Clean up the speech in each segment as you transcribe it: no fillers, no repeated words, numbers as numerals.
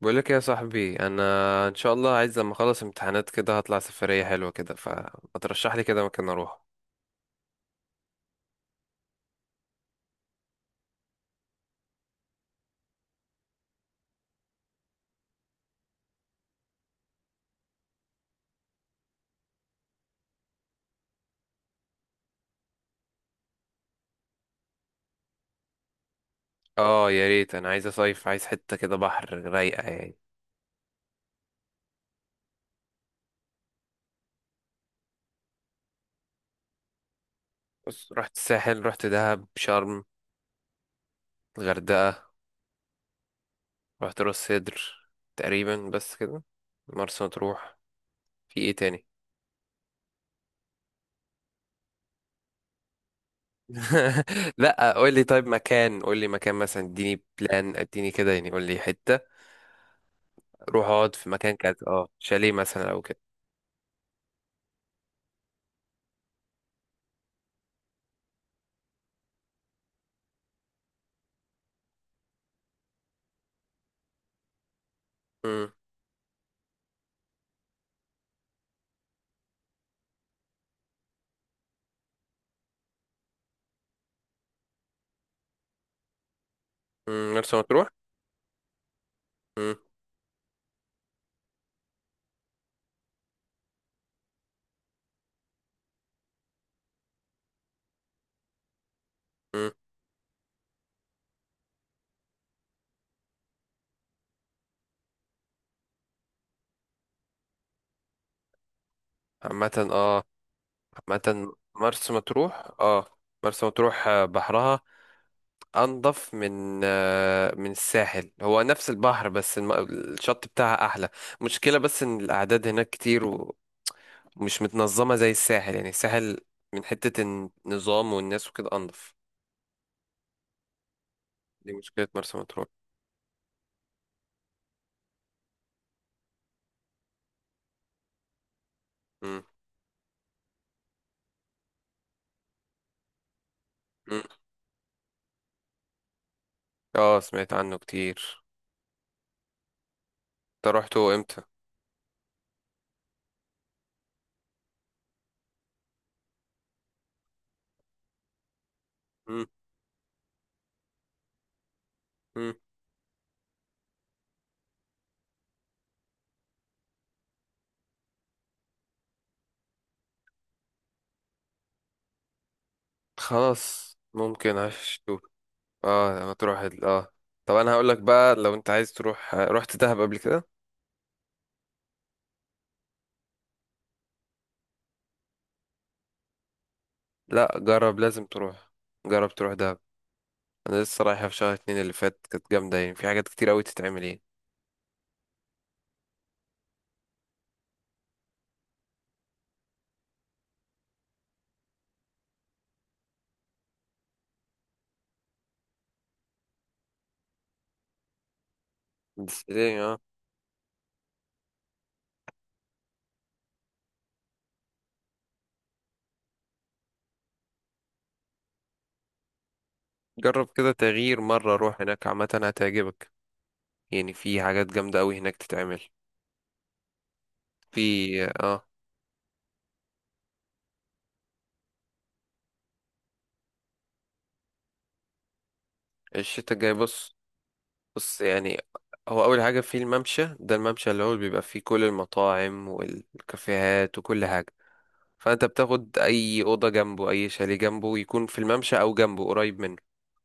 بقول لك يا صاحبي، انا ان شاء الله عايز لما اخلص امتحانات كده هطلع سفريه حلوه كده، فما ترشح لي كده مكان اروح. اه، يا ريت. انا عايز اصيف، عايز حته كده بحر رايقه يعني. بص، رحت الساحل، رحت دهب، شرم، الغردقه، رحت راس سدر، تقريبا بس كده، مرسى مطروح، في ايه تاني؟ لا، قول لي طيب مكان، قول لي مكان مثلا، اديني بلان، اديني كده يعني، قول لي حته روح اقعد في مكان كذا، اه شاليه مثلا او كده. امم مرسى مطروح. مم. عامة اه، عامة مرسى مطروح اه، مرسى مطروح، بحرها أنظف من من الساحل. هو نفس البحر بس الشط بتاعها أحلى. مشكلة بس إن الأعداد هناك كتير ومش متنظمة زي الساحل، يعني الساحل من حتة النظام والناس وكده أنظف. دي مشكلة مرسى مطروح. مم. مم. اه، سمعت عنه كتير. انت روحته امتى؟ مم. مم. خلاص، ممكن هشوف. اه لما تروح اه. طب انا هقول لك بقى، لو انت عايز تروح، رحت دهب قبل كده؟ لا، جرب، لازم تروح، جرب تروح دهب. انا لسه رايحه في شهر اتنين اللي فات، كانت جامده يعني، في حاجات كتير قوي تتعمل يعني. بس ليه؟ اه جرب كده تغيير مره، روح هناك عامه هتعجبك. يعني في حاجات جامده قوي هناك تتعمل في اه الشتاء الجاي. بص، بص يعني. هو اول حاجه في الممشى ده، الممشى اللي هو بيبقى فيه كل المطاعم والكافيهات وكل حاجه. فانت بتاخد اي اوضه جنبه، اي شاليه جنبه، يكون في الممشى او جنبه قريب منه.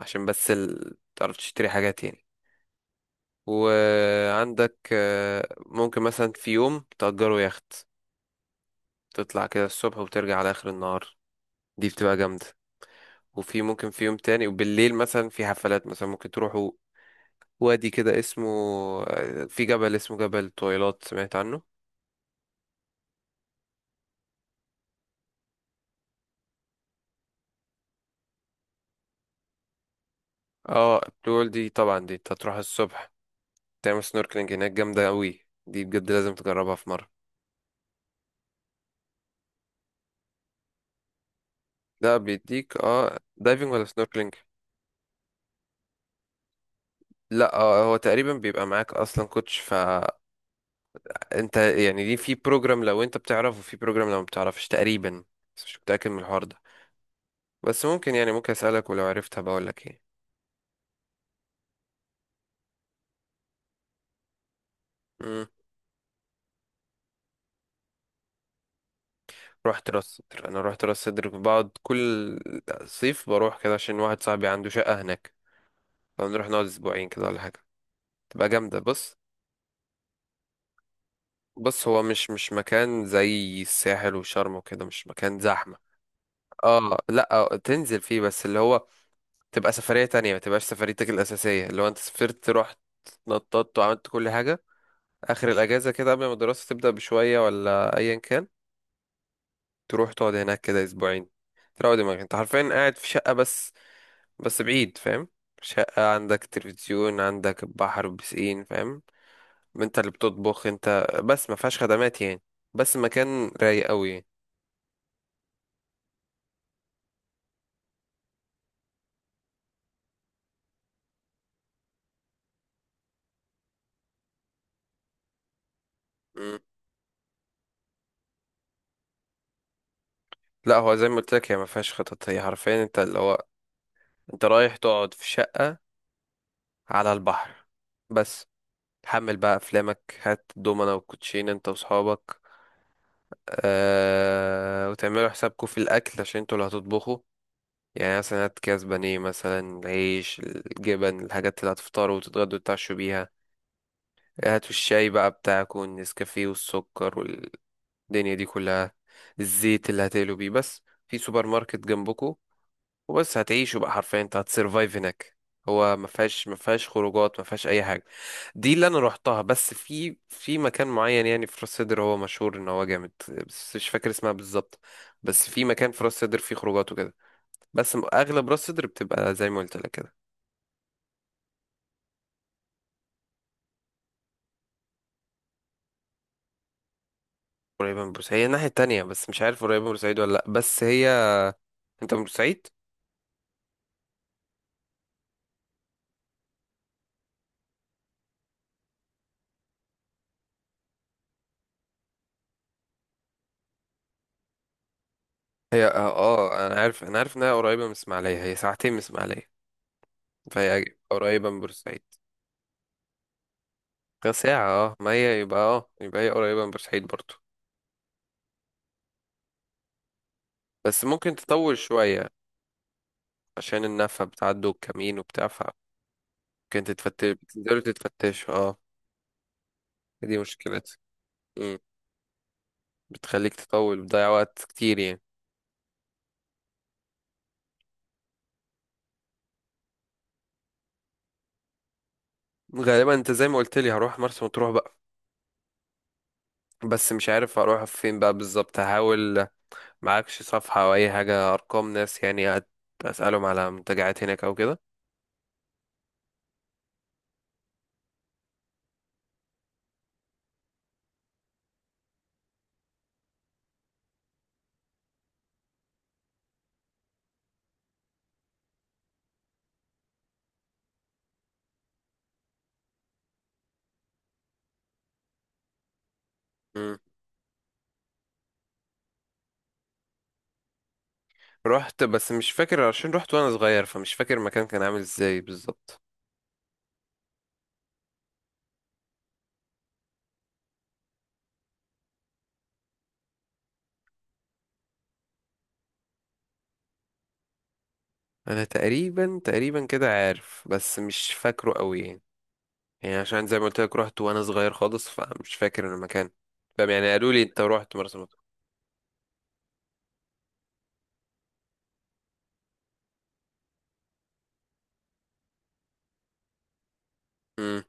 عشان بس تعرف تشتري حاجات يعني. وعندك ممكن مثلا في يوم تأجره يخت، تطلع كده الصبح وترجع على اخر النهار، دي بتبقى جامده. وفي ممكن في يوم تاني وبالليل مثلا في حفلات مثلا ممكن تروحوا. وادي كده اسمه في جبل، اسمه جبل طويلات، سمعت عنه؟ اه البلو هول دي طبعا، دي انت هتروح الصبح تعمل سنوركلينج هناك، جامده قوي دي بجد، لازم تجربها في مره. لا، بيديك اه دايفنج ولا سنوركلينج. لا هو تقريبا بيبقى معاك اصلا كوتش، فانت يعني دي في بروجرام لو انت بتعرف، وفي بروجرام لو ما بتعرفش تقريبا. بس مش متاكد من الحوار ده. بس ممكن يعني، ممكن اسالك، ولو عرفتها بقول لك ايه. مم. رحت راس صدر. انا رحت راس صدر بقعد كل صيف، بروح كده عشان واحد صاحبي عنده شقه هناك. فبنروح نقعد اسبوعين كده ولا حاجه، تبقى جامده. بص. بص هو مش مكان زي الساحل وشرم وكده، مش مكان زحمه. اه لا، تنزل فيه بس اللي هو، تبقى سفرية تانية، ما تبقاش سفريتك الأساسية اللي هو انت سافرت، رحت، نططت وعملت كل حاجة. آخر الأجازة كده، قبل ما الدراسة تبدأ بشوية ولا أيا كان، تروح تقعد هناك كده أسبوعين. تروق دماغك، انت حرفيا قاعد في شقة بس، بس بعيد فاهم. شقة، عندك تلفزيون، عندك بحر وبسين فاهم. انت اللي بتطبخ انت، بس ما فيهاش خدمات يعني. بس مكان رايق قوي يعني. مم. لا، هو زي ما قلت لك، هي ما فيهاش خطط، هي حرفيا انت اللي هو، انت رايح تقعد في شقة على البحر بس. تحمل بقى افلامك، هات دومنا والكوتشين انت واصحابك، أه، وتعملوا حسابكم في الاكل عشان انتوا اللي هتطبخوا. يعني مثلا هات كاس بانيه مثلا، العيش، الجبن، الحاجات اللي هتفطروا وتتغدوا وتتعشوا بيها. هاتوا الشاي بقى بتاعكم والنسكافيه والسكر والدنيا دي كلها، الزيت اللي هتقلوا بيه، بس في سوبر ماركت جنبكم. وبس، هتعيشه بقى، حرفيا انت هتسرفايف هناك. هو ما فيهاش خروجات، ما فيهاش اي حاجه. دي اللي انا روحتها. بس في مكان معين يعني في راس سدر هو مشهور ان هو جامد، بس مش فاكر اسمها بالظبط. بس في مكان في راس سدر فيه خروجات وكده، بس اغلب راس سدر بتبقى زي ما قلت لك كده. قريبه من بورسعيد هي الناحيه التانية، بس مش عارف قريبه من بورسعيد ولا لا. بس هي، انت من بورسعيد؟ هي اه، انا عارف انها قريبه من اسماعيليه، هي ساعتين من اسماعيليه. فهي قريبه من بورسعيد. ده ساعة اه، ما هي يبقى اه، هي قريبة من بورسعيد برضو. بس ممكن تطول شوية، عشان النفق بتعدوا الكمين وبتاع، فممكن تتفتش، بتنزلوا تتفتشوا اه. دي مشكلتها. مم. بتخليك تطول، بتضيع وقت كتير يعني. غالبا انت زي ما قلت لي، هروح مرسى مطروح بقى، بس مش عارف اروح فين بقى بالظبط، هحاول. معكش صفحة او اي حاجة، ارقام ناس يعني، اسألهم على منتجعات هناك او كده. مم. رحت بس مش فاكر، عشان رحت وانا صغير فمش فاكر المكان كان عامل ازاي بالظبط. انا تقريبا كده عارف، بس مش فاكره قوي يعني. يعني عشان زي ما قلت لك، رحت وانا صغير خالص فمش فاكر المكان فاهم يعني، قالوا لي انت رحت مرسى مطروح. امم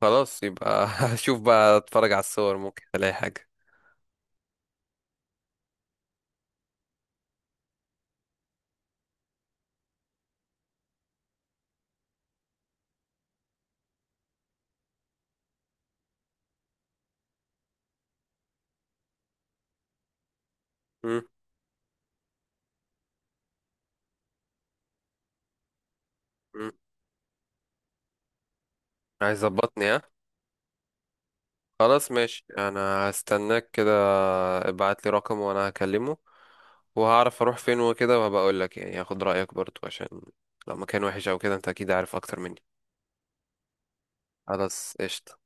خلاص يبقى هشوف بقى، اتفرج على الصور، ممكن الاقي حاجه. امم امم عايز ظبطني، ها؟ خلاص ماشي، انا هستناك كده، ابعت لي رقم وانا هكلمه. وهعرف اروح فين وكده، وهبقى اقول لك يعني، هاخد رايك برضو عشان لو مكان وحش او كده انت اكيد عارف اكتر مني. خلاص قشطة.